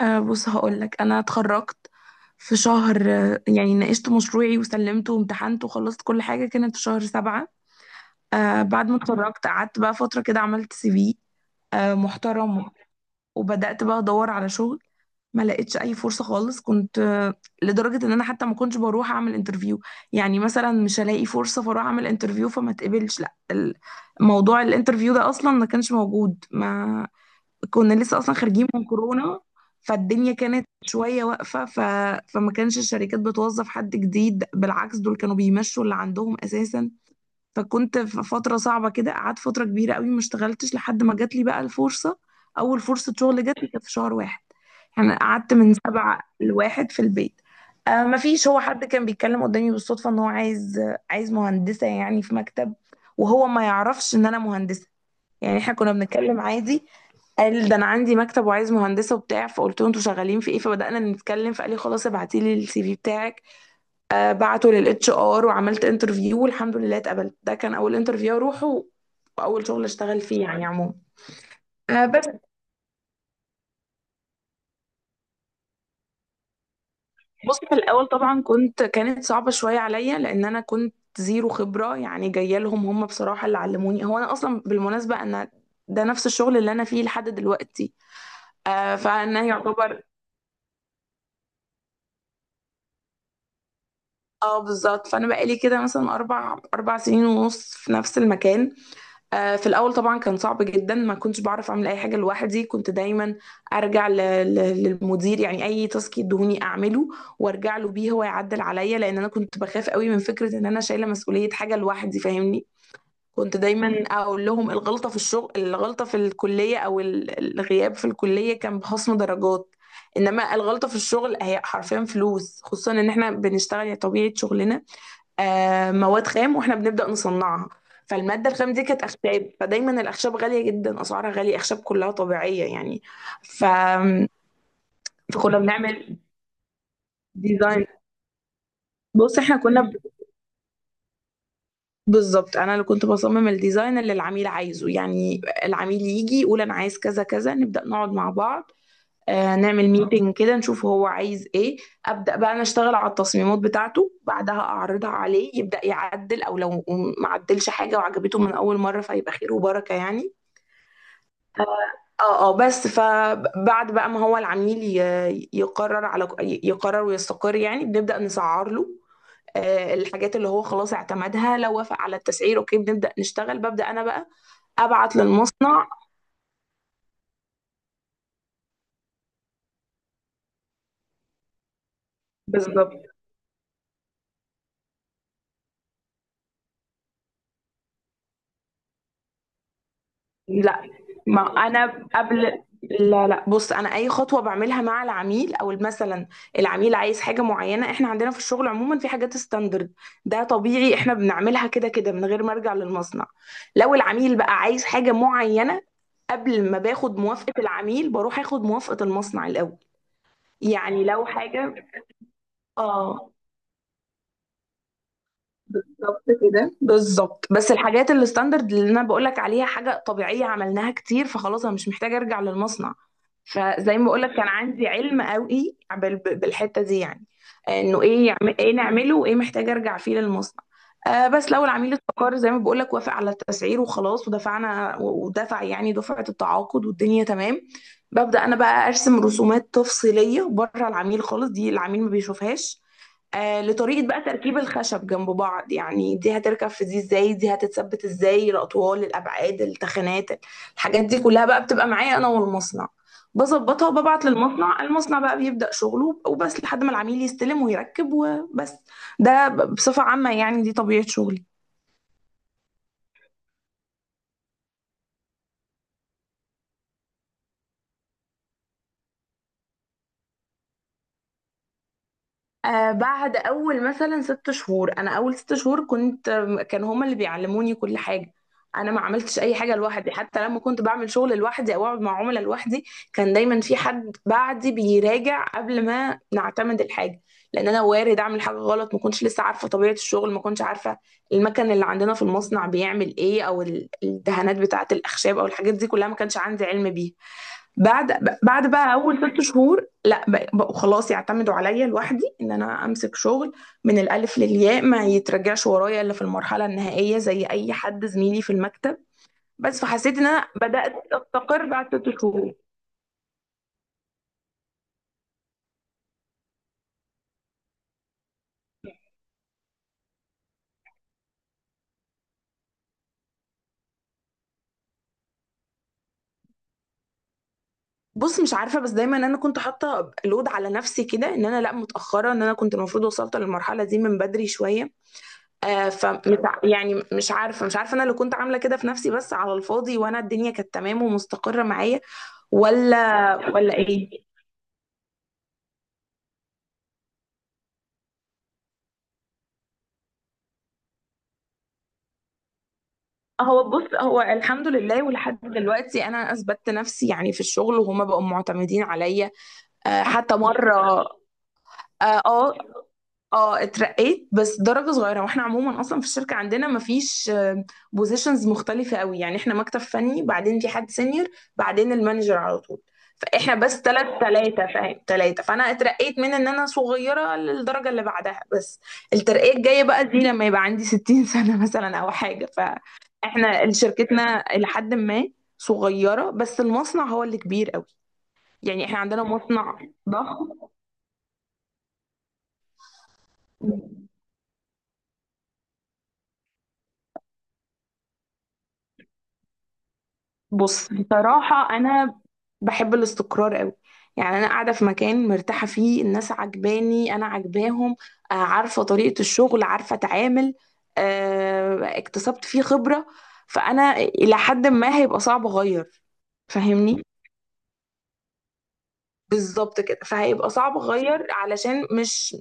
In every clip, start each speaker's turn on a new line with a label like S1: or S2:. S1: بص هقولك أنا اتخرجت في شهر يعني ناقشت مشروعي وسلمته وامتحنت وخلصت كل حاجة كانت في شهر 7. بعد ما اتخرجت قعدت بقى فترة كده، عملت سي في محترم وبدأت بقى أدور على شغل. ما لقيتش أي فرصة خالص، كنت لدرجة إن أنا حتى ما كنتش بروح أعمل انترفيو. يعني مثلا مش هلاقي فرصة فأروح أعمل انترفيو فما تقبلش. لا، موضوع الانترفيو ده أصلا ما كانش موجود. ما كنا لسه اصلا خارجين من كورونا، فالدنيا كانت شويه واقفه، فما كانش الشركات بتوظف حد جديد، بالعكس دول كانوا بيمشوا اللي عندهم اساسا. فكنت في فتره صعبه كده، قعدت فتره كبيره قوي ما اشتغلتش لحد ما جات لي بقى الفرصه. اول فرصه شغل جات لي كانت في شهر 1. يعني قعدت من 7 لـ 1 في البيت. ما فيش، هو حد كان بيتكلم قدامي بالصدفه ان هو عايز مهندسه يعني في مكتب، وهو ما يعرفش ان انا مهندسه. يعني احنا كنا بنتكلم عادي. قال ده انا عندي مكتب وعايز مهندسه وبتاع، فقلت له انتوا شغالين في ايه؟ فبدانا نتكلم، فقال لي خلاص ابعتي لي السي في بتاعك. بعته للاتش ار وعملت انترفيو والحمد لله اتقبلت. ده كان اول انترفيو اروحه واول شغل اشتغل فيه يعني عموما. آه بس بص، في الاول طبعا كانت صعبه شويه عليا لان انا كنت زيرو خبره، يعني جايه لهم. هم بصراحه اللي علموني. هو انا اصلا بالمناسبه انا ده نفس الشغل اللي انا فيه لحد دلوقتي. فانا يعتبر، اه بالظبط، فانا بقالي كده مثلا اربع سنين ونص في نفس المكان. في الاول طبعا كان صعب جدا، ما كنتش بعرف اعمل اي حاجه لوحدي، كنت دايما ارجع للمدير. يعني اي تاسك يدهوني اعمله وارجع له بيه هو يعدل عليا، لان انا كنت بخاف قوي من فكره ان انا شايله مسؤوليه حاجه لوحدي، فاهمني؟ كنت دايما اقول لهم الغلطه في الشغل، الغلطه في الكليه او الغياب في الكليه كان بخصم درجات، انما الغلطه في الشغل هي حرفيا فلوس، خصوصا ان احنا بنشتغل يعني طبيعه شغلنا مواد خام واحنا بنبدأ نصنعها. فالمادة الخام دي كانت أخشاب، فدايما الأخشاب غالية جدا، أسعارها غالية، أخشاب كلها طبيعية يعني. ف... فكنا بنعمل ديزاين. بص احنا بالظبط، أنا اللي كنت بصمم الديزاين اللي العميل عايزه. يعني العميل يجي يقول أنا عايز كذا كذا، نبدأ نقعد مع بعض، نعمل ميتنج كده نشوف هو عايز ايه. ابدا بقى انا اشتغل على التصميمات بتاعته، بعدها اعرضها عليه، يبدا يعدل او لو ما عدلش حاجه وعجبته من اول مره فيبقى خير وبركه يعني. اه، اه، بس فبعد بقى ما هو العميل يقرر ويستقر، يعني بنبدأ نسعر له الحاجات اللي هو خلاص اعتمدها. لو وافق على التسعير اوكي بنبدأ نشتغل. ببدأ انا بقى ابعت للمصنع. بالظبط. لا، ما انا قبل، لا، لا، بص، انا اي خطوه بعملها مع العميل، او مثلا العميل عايز حاجه معينه، احنا عندنا في الشغل عموما في حاجات ستاندرد، ده طبيعي احنا بنعملها كده كده من غير ما ارجع للمصنع. لو العميل بقى عايز حاجه معينه، قبل ما باخد موافقه العميل بروح اخد موافقه المصنع الاول. يعني لو حاجه، اه بالظبط كده، بالظبط. بس الحاجات الستاندرد اللي انا بقولك عليها حاجه طبيعيه عملناها كتير، فخلاص انا مش محتاجه ارجع للمصنع. فزي ما بقولك كان عندي علم قوي بالحته دي، يعني انه ايه يعمل ايه نعمله، وايه محتاجه ارجع فيه للمصنع. بس لو العميل استقر زي ما بقولك، وافق على التسعير وخلاص ودفعنا ودفع يعني دفعه التعاقد والدنيا تمام، ببدأ انا بقى ارسم رسومات تفصيليه بره العميل خالص، دي العميل ما بيشوفهاش، لطريقة بقى تركيب الخشب جنب بعض، يعني دي هتركب في دي ازاي، دي هتتثبت ازاي، الأطوال، الأبعاد، التخانات. الحاجات دي كلها بقى بتبقى معايا أنا والمصنع، بظبطها وببعت للمصنع. المصنع بقى بيبدأ شغله، وبس لحد ما العميل يستلم ويركب، وبس. ده بصفة عامة يعني، دي طبيعة شغلي. بعد اول مثلا 6 شهور، انا اول 6 شهور كنت كان هما اللي بيعلموني كل حاجه. انا ما عملتش اي حاجه لوحدي، حتى لما كنت بعمل شغل لوحدي او اقعد مع عملاء لوحدي كان دايما في حد بعدي بيراجع قبل ما نعتمد الحاجه، لان انا وارد اعمل حاجه غلط. ما كنتش لسه عارفه طبيعه الشغل، ما كنتش عارفه المكن اللي عندنا في المصنع بيعمل ايه، او الدهانات بتاعه الاخشاب، او الحاجات دي كلها ما كانش عندي علم بيها. بعد بقى اول 6 شهور، لا بقوا خلاص يعتمدوا عليا لوحدي ان انا امسك شغل من الالف للياء، ما يترجعش ورايا الا في المرحله النهائيه زي اي حد زميلي في المكتب. بس فحسيت ان انا بدات استقر بعد 6 شهور. بص مش عارفه، بس دايما انا كنت حاطه لود على نفسي كده، ان انا لا متاخره، ان انا كنت المفروض وصلت للمرحله دي من بدري شويه. فمش يعني مش عارفه، انا اللي كنت عامله كده في نفسي بس على الفاضي، وانا الدنيا كانت تمام ومستقره معايا. ولا ايه؟ بص، هو الحمد لله، ولحد دلوقتي انا اثبتت نفسي يعني في الشغل، وهما بقوا معتمدين عليا. حتى مره. اه، اه. اترقيت بس درجة صغيرة، واحنا عموما اصلا في الشركة عندنا مفيش بوزيشنز مختلفة قوي. يعني احنا مكتب فني، بعدين في حد سينيور، بعدين المانجر على طول. فاحنا بس تلاتة، فاهم، تلاتة. فانا اترقيت من ان انا صغيرة للدرجة اللي بعدها بس. الترقية الجاية بقى دي لما يبقى عندي 60 سنة مثلا او حاجة. فاحنا شركتنا لحد ما صغيرة، بس المصنع هو اللي كبير قوي. يعني احنا عندنا مصنع ضخم. بص بصراحة، أنا بحب الاستقرار قوي. يعني أنا قاعدة في مكان مرتاحة فيه، الناس عجباني أنا عجباهم، عارفة طريقة الشغل، عارفة أتعامل، اكتسبت فيه خبرة، فأنا إلى حد ما هيبقى صعب أغير. فاهمني؟ بالظبط كده، فهيبقى صعب اغير علشان مش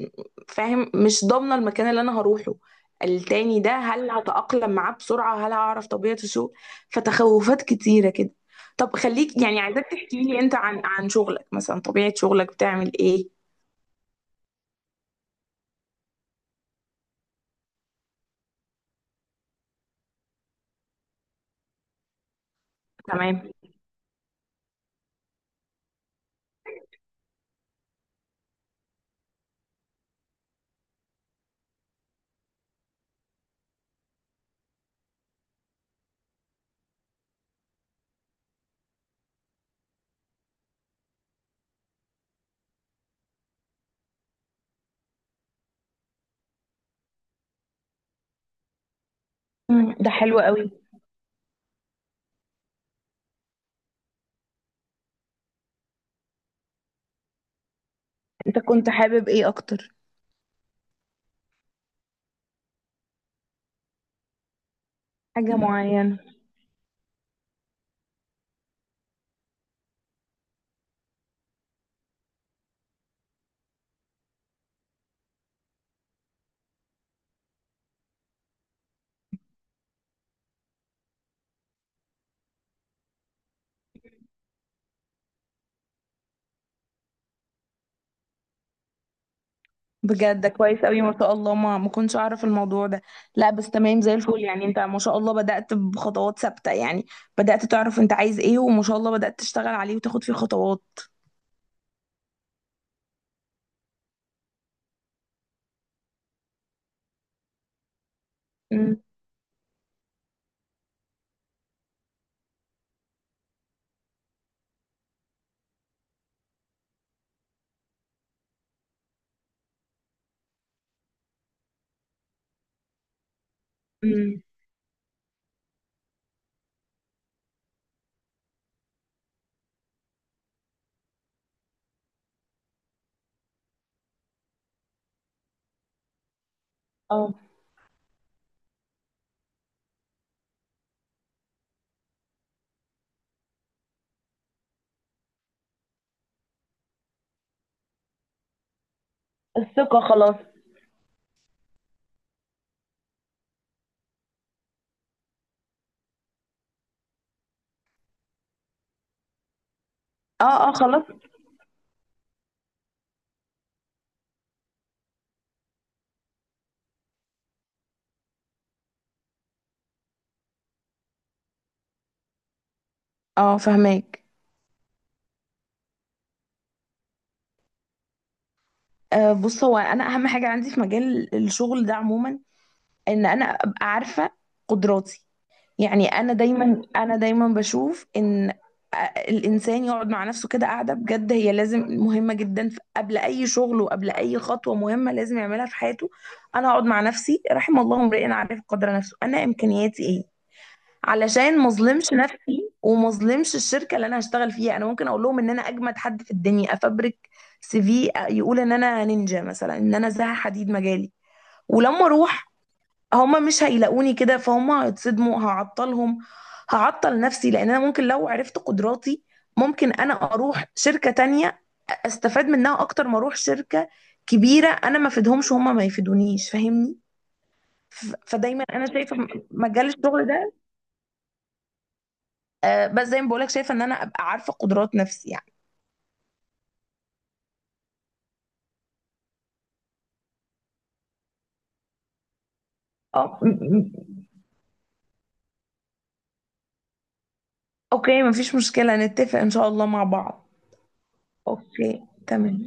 S1: فاهم، مش ضامنه المكان اللي انا هروحه التاني ده، هل هتأقلم معاه بسرعه؟ هل هعرف طبيعة الشغل؟ فتخوفات كتيره كده. طب خليك، يعني عايزاك تحكي لي انت عن شغلك مثلا، طبيعة شغلك بتعمل ايه. تمام. ده حلو قوي. انت كنت حابب ايه اكتر؟ حاجة معينة. بجد ده كويس قوي ما شاء الله، ما كنتش اعرف الموضوع ده. لا، بس تمام زي الفل، يعني انت ما شاء الله بدأت بخطوات ثابتة يعني، بدأت تعرف انت عايز ايه، وما شاء الله بدأت تشتغل عليه وتاخد فيه خطوات. امم. امم. اه، الثقة خلاص. اه، اه، خلاص. اه، فهماك. بص، هو انا اهم حاجة عندي في مجال الشغل ده عموما، ان انا ابقى عارفة قدراتي. يعني انا دايما بشوف ان آه، الانسان يقعد مع نفسه كده قاعده بجد، هي لازم مهمه جدا قبل اي شغل وقبل اي خطوه مهمه لازم يعملها في حياته. انا اقعد مع نفسي، رحم الله امرئ عارف قدر نفسه، انا امكانياتي ايه، علشان ما اظلمش نفسي وما اظلمش الشركه اللي انا هشتغل فيها. انا ممكن اقول لهم ان انا اجمد حد في الدنيا، افبرك سي في يقول ان انا نينجا مثلا، ان انا زها حديد مجالي، ولما اروح هما مش هيلاقوني كده، فهم هيتصدموا، هعطلهم، هعطل نفسي. لان انا ممكن لو عرفت قدراتي، ممكن انا اروح شركة تانية استفاد منها اكتر ما اروح شركة كبيرة انا ما افيدهمش هما ما يفيدونيش، فاهمني؟ فدايما انا شايفة مجال الشغل ده بس زي ما بقولك، شايفة ان انا ابقى عارفة قدرات نفسي يعني. اه، م- اوكي، مفيش مشكلة، نتفق ان شاء الله مع بعض. اوكي، تمام.